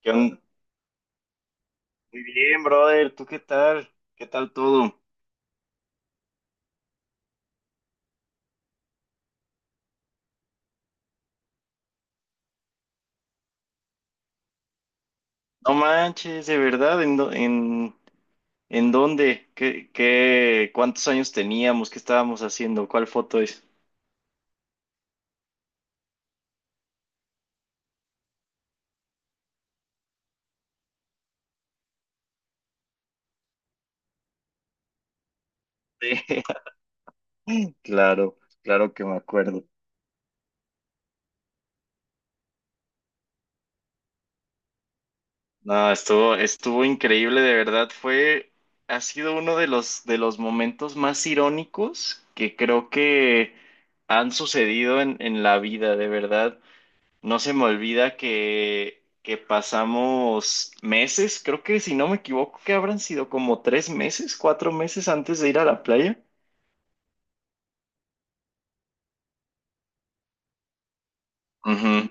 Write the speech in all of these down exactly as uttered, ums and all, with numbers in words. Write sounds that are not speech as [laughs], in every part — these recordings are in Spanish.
¿Qué on- Muy bien, brother. ¿Tú qué tal? ¿Qué tal todo? No manches, de verdad. ¿En, dó- en, en dónde? ¿Qué, qué, Cuántos años teníamos? ¿Qué estábamos haciendo? ¿Cuál foto es? [laughs] Claro, claro que me acuerdo. No, estuvo, estuvo increíble, de verdad. Fue, ha sido uno de los, de los momentos más irónicos que creo que han sucedido en, en la vida, de verdad. No se me olvida que, que pasamos meses, creo que si no me equivoco, que habrán sido como tres meses, cuatro meses antes de ir a la playa. Ujú.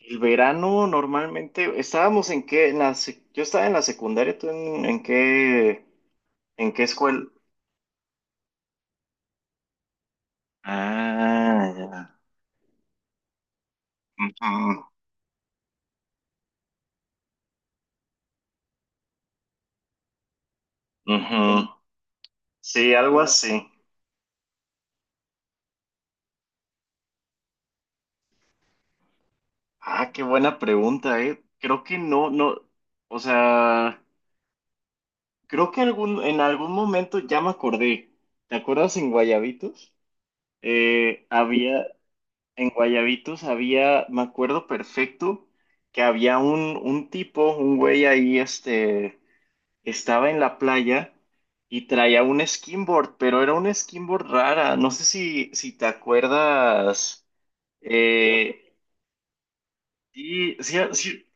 El verano normalmente estábamos en qué, en la sec- yo estaba en la secundaria. ¿Tú en, en qué, en qué escuela? Ah, ya. Ujú. Ujú. Sí, algo así. Ah, qué buena pregunta, eh. Creo que no, no, o sea. Creo que algún, en algún momento ya me acordé. ¿Te acuerdas en Guayabitos? Eh, había, en Guayabitos había, me acuerdo perfecto, que había un, un tipo, un güey ahí, este, estaba en la playa y traía un skimboard, pero era un skimboard rara. No sé si, si te acuerdas. Eh, sí, sí, sí,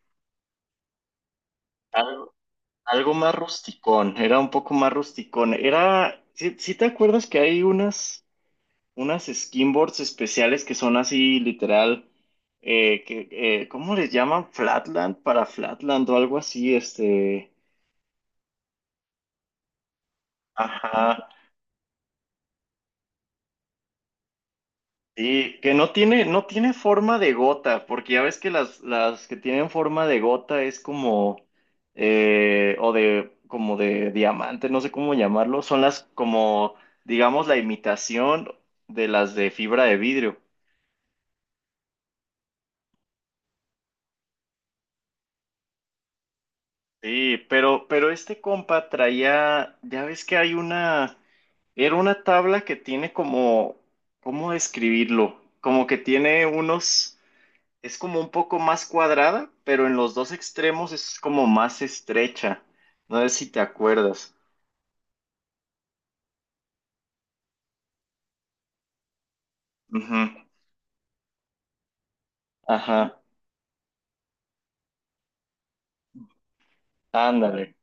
algo más rusticón, era un poco más rusticón. Era, si te acuerdas que hay unas unas skinboards especiales que son así literal, eh, que, eh, ¿cómo les llaman? Flatland para Flatland o algo así, este, ajá, sí, que no tiene, no tiene forma de gota, porque ya ves que las, las que tienen forma de gota es como, eh, o de, como de diamante, no sé cómo llamarlo, son las como, digamos, la imitación de las de fibra de vidrio. Sí, pero, pero este compa traía, ya ves que hay una, era una tabla que tiene como, ¿cómo describirlo? Como que tiene unos, es como un poco más cuadrada, pero en los dos extremos es como más estrecha. No sé si te acuerdas. Ujú. Ajá, ándale.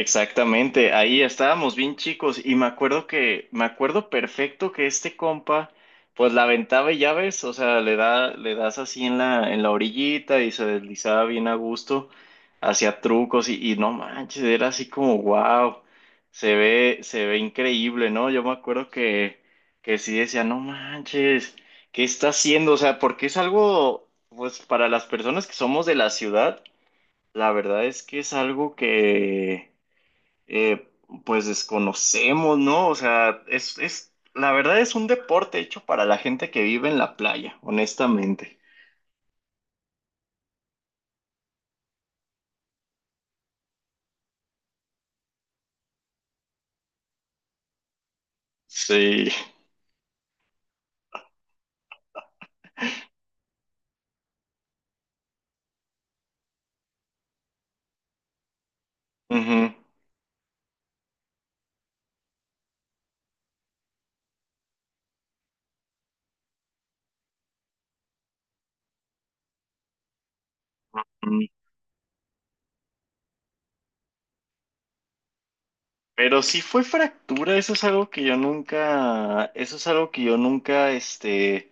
Exactamente, ahí estábamos bien chicos y me acuerdo que, me acuerdo perfecto que este compa, pues la aventaba y ya ves, o sea, le da, le das así en la, en la orillita y se deslizaba bien a gusto, hacía trucos y, y no manches, era así como wow, se ve, se ve increíble, ¿no? Yo me acuerdo que, que sí decía, no manches, ¿qué está haciendo? O sea, porque es algo, pues para las personas que somos de la ciudad, la verdad es que es algo que eh, pues desconocemos, ¿no? O sea, es, es, la verdad es un deporte hecho para la gente que vive en la playa, honestamente. Sí. Ujú. Mm. Pero sí fue fractura, eso es algo que yo nunca, eso es algo que yo nunca, este,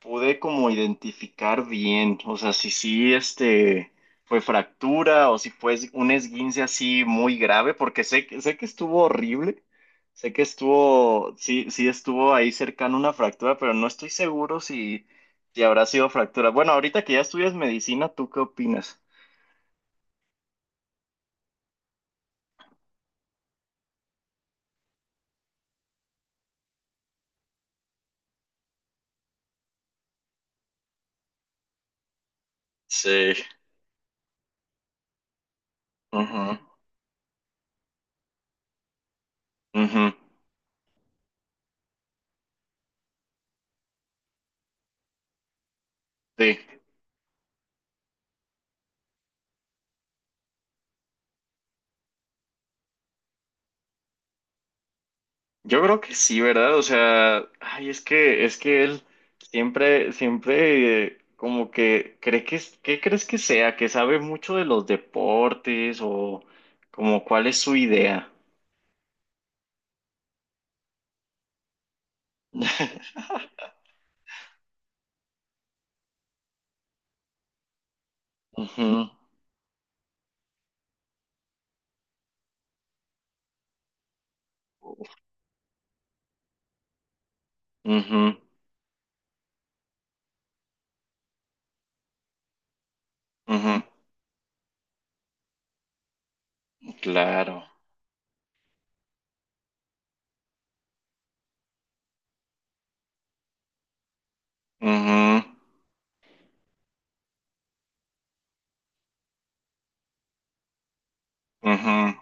pude como identificar bien, o sea, si sí, este, fue fractura o si fue es- un esguince así muy grave, porque sé, que- sé que estuvo horrible, sé que estuvo, sí, sí estuvo ahí cercano una fractura, pero no estoy seguro si, si habrá sido fractura. Bueno, ahorita que ya estudias medicina, ¿tú qué opinas? Sí. Ujú, ujú, sí. Yo creo que sí, ¿verdad? O sea, ay, es que, es que él siempre, siempre eh, como que cree que, es- ¿qué crees que sea? Que sabe mucho de los deportes o como cuál es su idea. [laughs] Ujú, ujú, ujú, claro. Mhm. Mhm.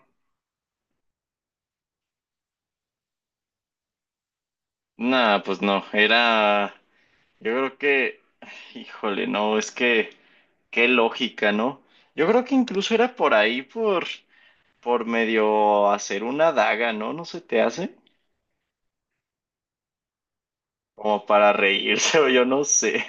Nada, pues no, era, yo creo que, híjole, no, es que, qué lógica, ¿no? Yo creo que incluso era por ahí, por... por medio hacer una daga, ¿no? ¿No se te hace? Como para reírse [laughs] o yo no sé.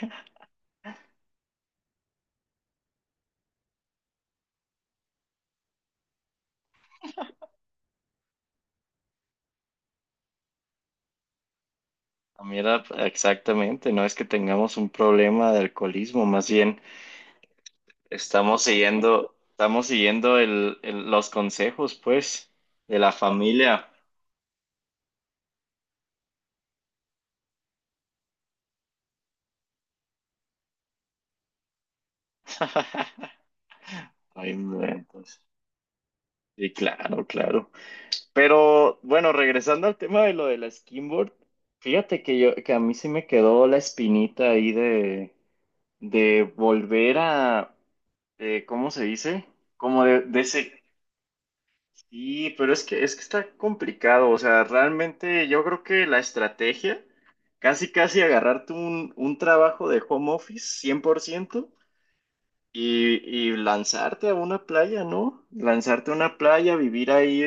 Ah, Mira, exactamente, no es que tengamos un problema de alcoholismo, más bien estamos siguiendo, estamos siguiendo el, el- los consejos, pues, de la familia. [laughs] Ay, inventos. Sí, claro, claro. Pero bueno, regresando al tema de lo de la skimboard, fíjate que yo, que a mí sí me quedó la espinita ahí de de volver a, eh, ¿cómo se dice? Como de, de ese... Sí, pero es que, es que está complicado, o sea, realmente yo creo que la estrategia, casi casi agarrarte un, un trabajo de home office cien por ciento y, y lanzarte a una playa, ¿no? Lanzarte a una playa, vivir ahí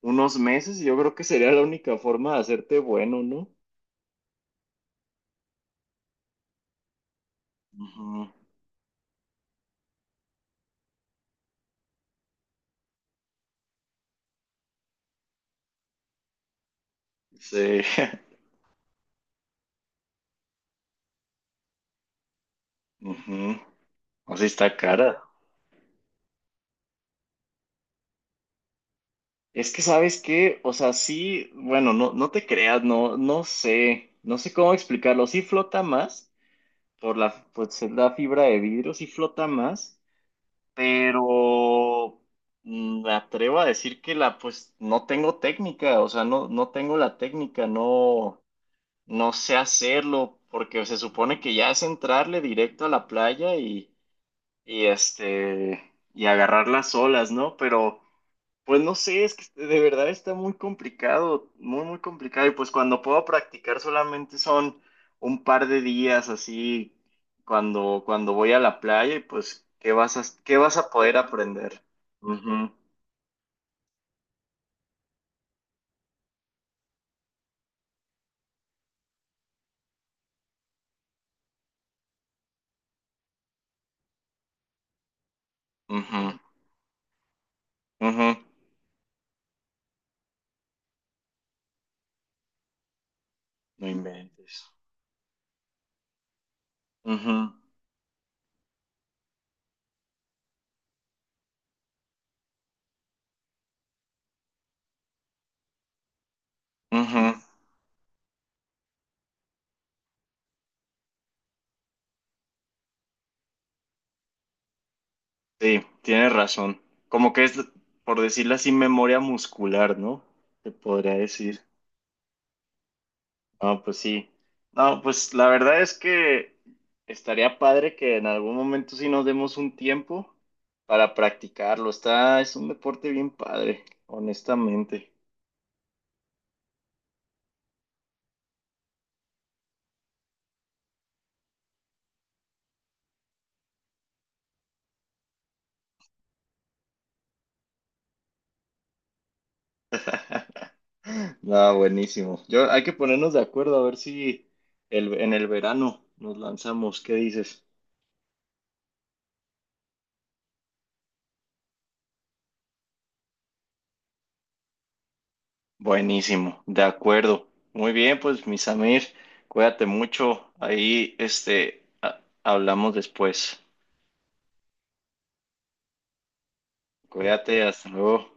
unos meses, yo creo que sería la única forma de hacerte bueno, ¿no? Ujú. Sí. [laughs] Ujú. O sea, está cara. Es que sabes qué, o sea, sí, bueno, no, no te creas, no, no sé, no sé cómo explicarlo. Sí flota más por la, pues, es la fibra de vidrio, sí flota más, pero mm, me atrevo a decir que la, pues, no tengo técnica, o sea, no, no tengo la técnica, no, no sé hacerlo, porque se supone que ya es entrarle directo a la playa y, y este, y agarrar las olas, ¿no? Pero pues no sé, es que de verdad está muy complicado, muy, muy complicado. Y pues cuando puedo practicar solamente son un par de días así, cuando, cuando voy a la playa y pues, ¿qué vas a, qué vas a poder aprender? Ujú, ujú, ujú. No inventes. Ujú, ujú. Sí, tienes razón. Como que es, por decirlo así, memoria muscular, ¿no? Te podría decir. No, pues sí. No, pues la verdad es que estaría padre que en algún momento sí nos demos un tiempo para practicarlo. Está, es un deporte bien padre, honestamente. No, buenísimo. Yo, hay que ponernos de acuerdo a ver si el, en el verano nos lanzamos. ¿Qué dices? Buenísimo, de acuerdo. Muy bien, pues mi Samir, cuídate mucho. Ahí, este, ha- hablamos después. Cuídate, hasta luego.